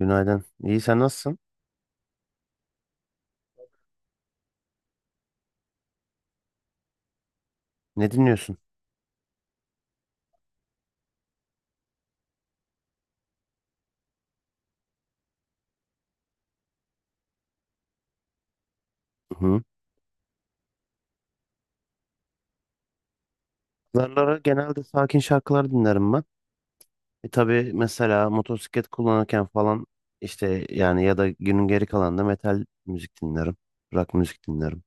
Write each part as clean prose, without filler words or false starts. Günaydın. İyi sen nasılsın? Ne dinliyorsun? Hı. Zarlara genelde sakin şarkılar dinlerim ben. E tabii mesela motosiklet kullanırken falan işte yani ya da günün geri kalanında metal müzik dinlerim. Rock müzik dinlerim.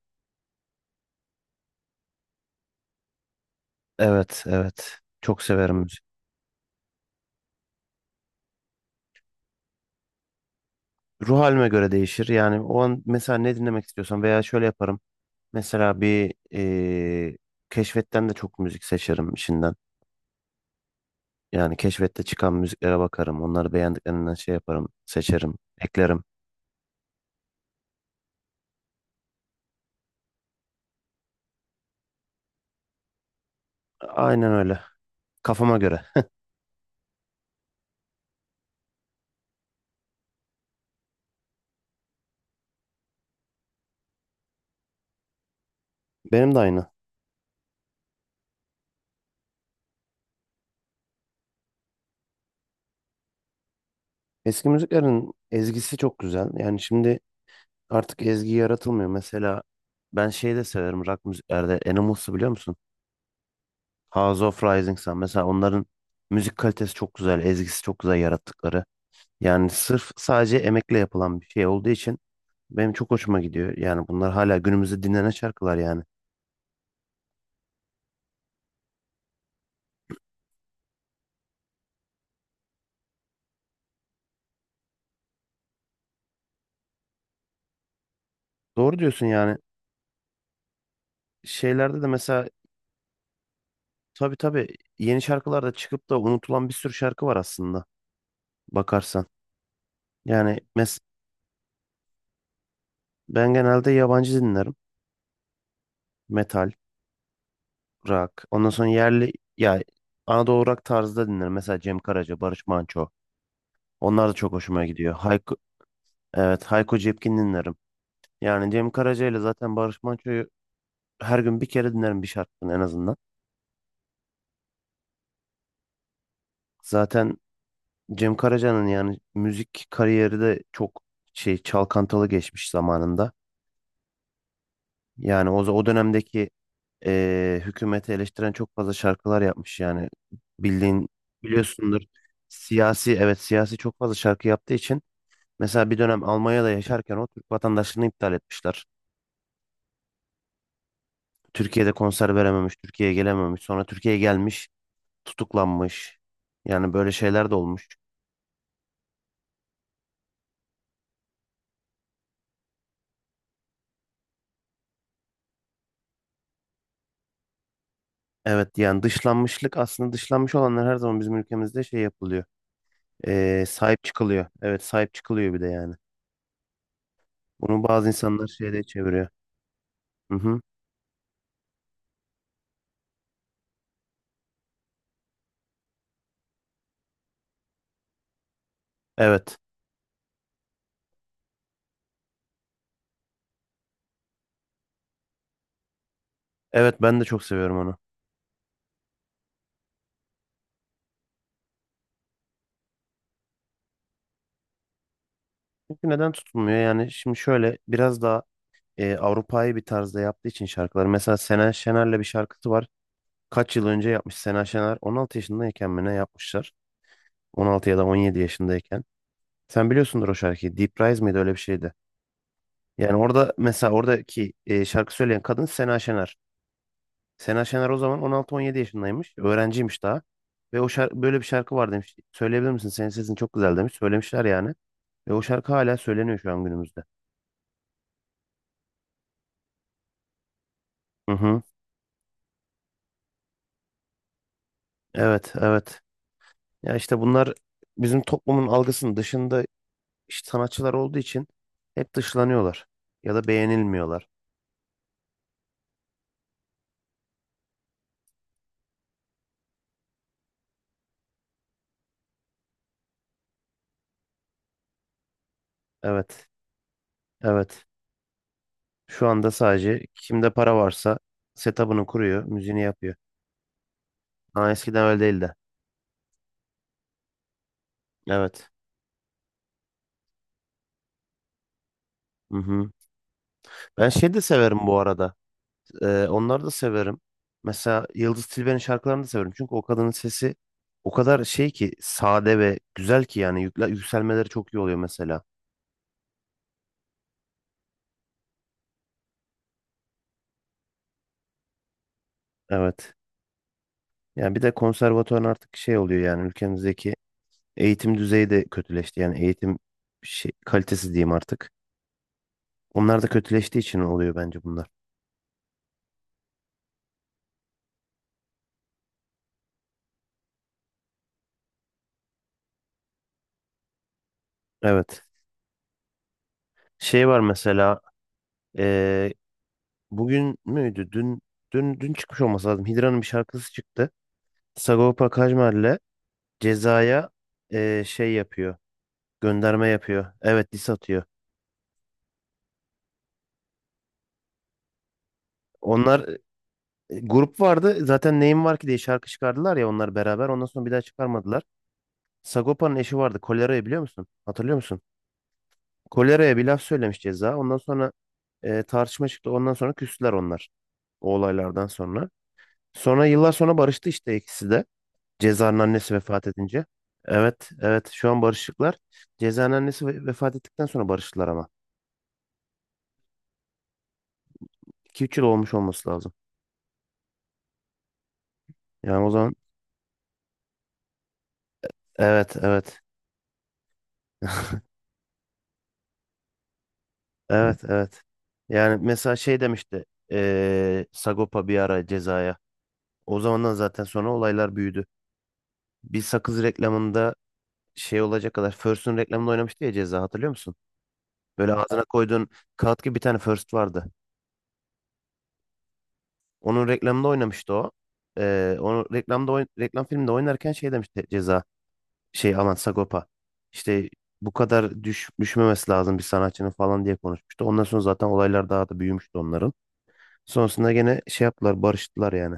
Evet, evet. Çok severim müzik. Ruh halime göre değişir. Yani o an mesela ne dinlemek istiyorsam veya şöyle yaparım. Mesela bir keşfetten de çok müzik seçerim işinden. Yani keşfette çıkan müziklere bakarım. Onları beğendiklerinden şey yaparım, seçerim, eklerim. Aynen öyle. Kafama göre. Benim de aynı. Eski müziklerin ezgisi çok güzel. Yani şimdi artık ezgi yaratılmıyor. Mesela ben şeyi de severim rock müziklerde. Animals'ı biliyor musun? House of Rising Sun. Mesela onların müzik kalitesi çok güzel. Ezgisi çok güzel yarattıkları. Yani sırf sadece emekle yapılan bir şey olduğu için benim çok hoşuma gidiyor. Yani bunlar hala günümüzde dinlenen şarkılar yani. Doğru diyorsun yani. Şeylerde de mesela tabii tabii yeni şarkılarda çıkıp da unutulan bir sürü şarkı var aslında bakarsan. Yani ben genelde yabancı dinlerim. Metal, rock. Ondan sonra yerli ya Anadolu rock tarzda dinlerim. Mesela Cem Karaca, Barış Manço. Onlar da çok hoşuma gidiyor. Evet Hayko Cepkin dinlerim. Yani Cem Karaca ile zaten Barış Manço'yu her gün bir kere dinlerim bir şarkını en azından. Zaten Cem Karaca'nın yani müzik kariyeri de çok şey çalkantalı geçmiş zamanında. Yani o dönemdeki hükümeti eleştiren çok fazla şarkılar yapmış yani bildiğin biliyorsundur siyasi evet siyasi çok fazla şarkı yaptığı için mesela bir dönem Almanya'da yaşarken o Türk vatandaşlığını iptal etmişler. Türkiye'de konser verememiş, Türkiye'ye gelememiş. Sonra Türkiye'ye gelmiş, tutuklanmış. Yani böyle şeyler de olmuş. Evet yani dışlanmışlık aslında dışlanmış olanlar her zaman bizim ülkemizde şey yapılıyor. E, sahip çıkılıyor. Evet sahip çıkılıyor bir de yani. Bunu bazı insanlar şeyde çeviriyor. Hı hı. Evet. Evet ben de çok seviyorum onu. Çünkü neden tutulmuyor? Yani şimdi şöyle biraz daha Avrupa'yı bir tarzda yaptığı için şarkıları. Mesela Sena Şener'le bir şarkısı var. Kaç yıl önce yapmış Sena Şener? 16 yaşındayken mi ne yapmışlar? 16 ya da 17 yaşındayken. Sen biliyorsundur o şarkıyı. Deep Rise miydi öyle bir şeydi. Yani orada mesela oradaki şarkı söyleyen kadın Sena Şener. Sena Şener o zaman 16-17 yaşındaymış. Öğrenciymiş daha. Ve o şarkı, böyle bir şarkı var demiş. Söyleyebilir misin? Senin sesin çok güzel demiş. Söylemişler yani. Ve o şarkı hala söyleniyor şu an günümüzde. Hı hı. Evet, evet. Ya işte bunlar bizim toplumun algısının dışında işte sanatçılar olduğu için hep dışlanıyorlar ya da beğenilmiyorlar. Evet, evet. Şu anda sadece kimde para varsa setup'ını kuruyor, müziğini yapıyor. Ama eskiden öyle değildi. Evet. Hı hı. Ben şey de severim bu arada. Onları da severim. Mesela Yıldız Tilbe'nin şarkılarını da severim. Çünkü o kadının sesi o kadar şey ki sade ve güzel ki yani yükselmeleri çok iyi oluyor mesela. Evet. Yani bir de konservatuvar artık şey oluyor yani ülkemizdeki eğitim düzeyi de kötüleşti. Yani eğitim şey, kalitesi diyeyim artık. Onlar da kötüleştiği için oluyor bence bunlar. Evet. Şey var mesela eee, bugün müydü? Dün çıkmış olması lazım. Hidra'nın bir şarkısı çıktı. Sagopa Kajmer'le Ceza'ya şey yapıyor. Gönderme yapıyor. Evet diss atıyor. Onlar grup vardı. Zaten neyim var ki diye şarkı çıkardılar ya onlar beraber. Ondan sonra bir daha çıkarmadılar. Sagopa'nın eşi vardı. Kolera'yı biliyor musun? Hatırlıyor musun? Kolera'ya bir laf söylemiş Ceza. Ondan sonra tartışma çıktı. Ondan sonra küstüler onlar. O olaylardan sonra. Sonra yıllar sonra barıştı işte ikisi de. Ceza'nın annesi vefat edince. Evet, evet. Şu an barışıklar. Ceza'nın annesi vefat ettikten sonra barıştılar ama. 2-3 yıl olmuş olması lazım. Yani o zaman evet, evet. Evet, evet. Yani mesela şey demişti. Sagopa bir ara Ceza'ya. O zamandan zaten sonra olaylar büyüdü. Bir sakız reklamında şey olacak kadar First'un reklamında oynamıştı ya Ceza hatırlıyor musun? Böyle ağzına koyduğun kağıt gibi bir tane First vardı. Onun reklamında oynamıştı o. Onu reklamda reklam filminde oynarken şey demişti Ceza şey aman Sagopa. İşte bu kadar düşmemesi lazım bir sanatçının falan diye konuşmuştu. Ondan sonra zaten olaylar daha da büyümüştü onların. Sonrasında gene şey yaptılar barıştılar yani.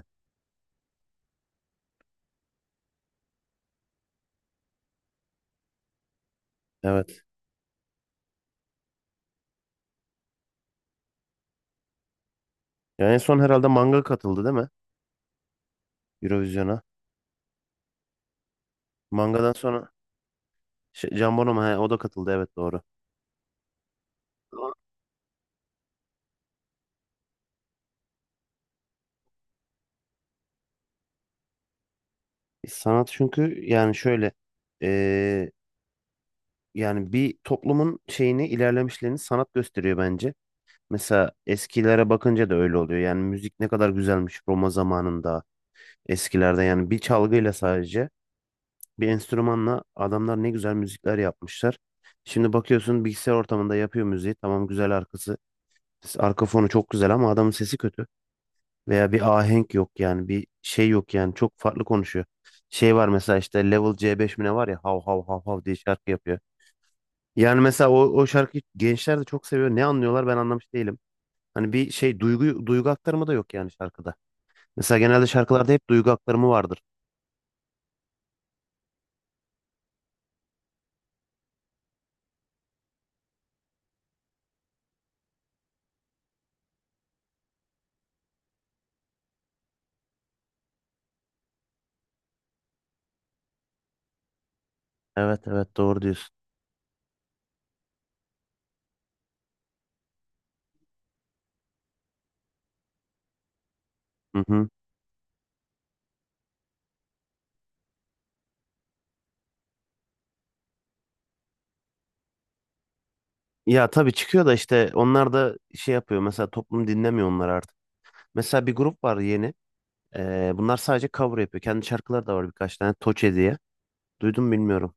Evet. Yani en son herhalde Manga katıldı değil mi? Eurovision'a. Mangadan sonra şey, Can Bono mu? He, o da katıldı evet doğru. Sanat çünkü yani şöyle eee, yani bir toplumun şeyini ilerlemişlerini sanat gösteriyor bence. Mesela eskilere bakınca da öyle oluyor. Yani müzik ne kadar güzelmiş Roma zamanında eskilerde yani bir çalgıyla sadece bir enstrümanla adamlar ne güzel müzikler yapmışlar. Şimdi bakıyorsun bilgisayar ortamında yapıyor müziği tamam güzel arka fonu çok güzel ama adamın sesi kötü. Veya bir ahenk yok yani bir şey yok yani çok farklı konuşuyor. Şey var mesela işte Level c beş mi ne var ya hav hav hav hav diye şarkı yapıyor. Yani mesela o şarkıyı gençler de çok seviyor. Ne anlıyorlar ben anlamış değilim. Hani bir şey duygu aktarımı da yok yani şarkıda. Mesela genelde şarkılarda hep duygu aktarımı vardır. Evet evet doğru diyorsun. Hı hı. Ya tabii çıkıyor da işte onlar da şey yapıyor. Mesela toplum dinlemiyor onları artık. Mesela bir grup var yeni. Bunlar sadece cover yapıyor. Kendi şarkıları da var birkaç tane. Toçe diye. Duydun mu bilmiyorum.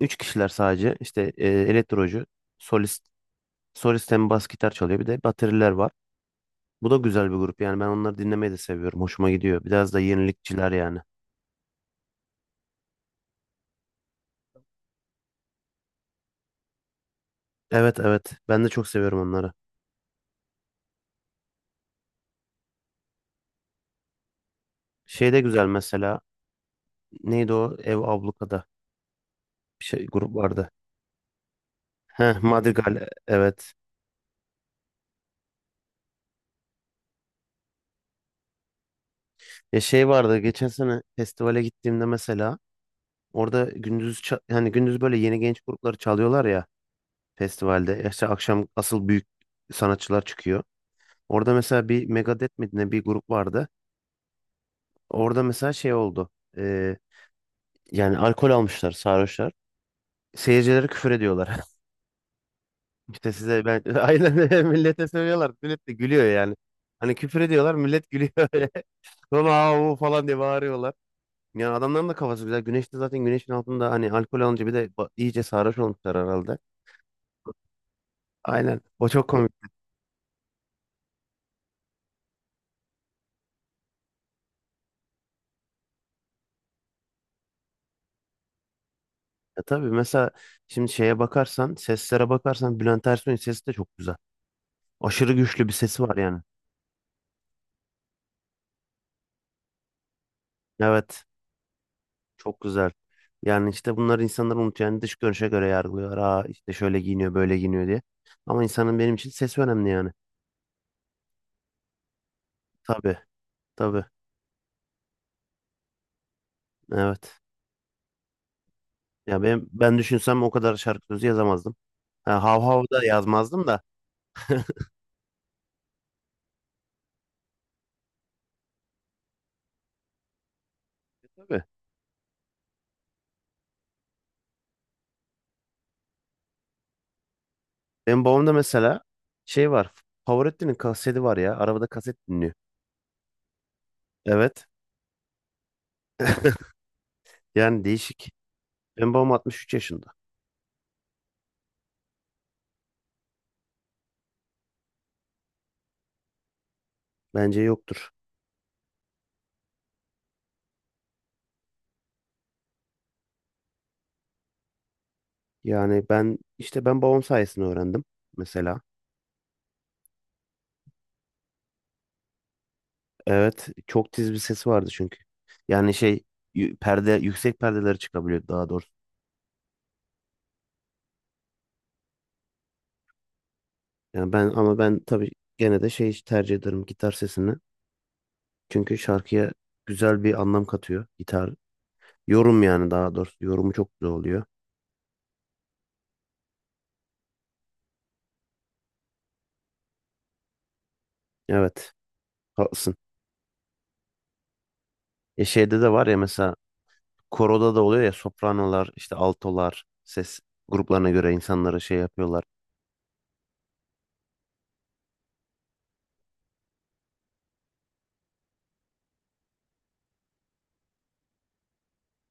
Üç kişiler sadece işte elektrocu, solist, solist hem bas gitar çalıyor bir de bateriler var. Bu da güzel bir grup yani ben onları dinlemeyi de seviyorum. Hoşuma gidiyor. Biraz da yenilikçiler yani. Evet evet ben de çok seviyorum onları. Şey de güzel mesela neydi o Ev Abluka'da bir şey grup vardı. Heh Madrigal evet. Ya şey vardı geçen sene festivale gittiğimde mesela orada gündüz hani gündüz böyle yeni genç grupları çalıyorlar ya festivalde. Ya İşte akşam asıl büyük sanatçılar çıkıyor. Orada mesela bir Megadeth mi ne bir grup vardı. Orada mesela şey oldu. Ee, yani alkol almışlar sarhoşlar. Seyircilere küfür ediyorlar. İşte size ben aynen millete söylüyorlar. Millet de gülüyor yani. Hani küfür ediyorlar millet gülüyor öyle. Sonra "Aa, o" falan diye bağırıyorlar. Yani adamların da kafası güzel. Güneşte zaten güneşin altında hani alkol alınca bir de iyice sarhoş olmuşlar herhalde. Aynen. O çok komik. Ya tabii mesela şimdi şeye bakarsan, seslere bakarsan Bülent Ersoy'un sesi de çok güzel. Aşırı güçlü bir sesi var yani. Evet. Çok güzel. Yani işte bunlar insanlar unutuyor. Yani dış görünüşe göre yargılıyor. Aa işte şöyle giyiniyor, böyle giyiniyor diye. Ama insanın benim için sesi önemli yani. Tabii, tabii. Evet. Ya ben düşünsem o kadar şarkı sözü yazamazdım. Ha, hav hav da yazmazdım da. Tabii. Benim babamda mesela şey var. Favorettin'in kaseti var ya. Arabada kaset dinliyor. Evet. Yani değişik. Benim babam 63 yaşında. Bence yoktur. Yani ben işte ben babam sayesinde öğrendim mesela. Evet, çok tiz bir sesi vardı çünkü. Yani şey perde yüksek perdeleri çıkabiliyor daha doğrusu. Yani ben ama ben tabii gene de şey tercih ederim gitar sesini. Çünkü şarkıya güzel bir anlam katıyor gitar. Yorum yani daha doğrusu yorumu çok güzel oluyor. Evet, haklısın. E şeyde de var ya mesela koroda da oluyor ya sopranolar, işte altolar ses gruplarına göre insanları şey yapıyorlar.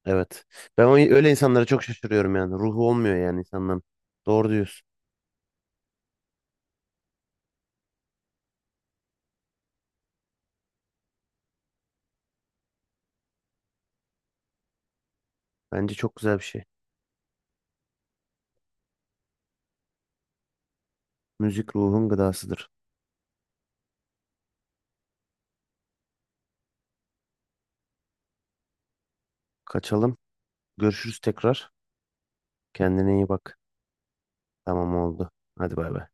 Evet. Ben öyle insanlara çok şaşırıyorum yani. Ruhu olmuyor yani insanların. Doğru diyorsun. Bence çok güzel bir şey. Müzik ruhun gıdasıdır. Kaçalım. Görüşürüz tekrar. Kendine iyi bak. Tamam oldu. Hadi bay bay.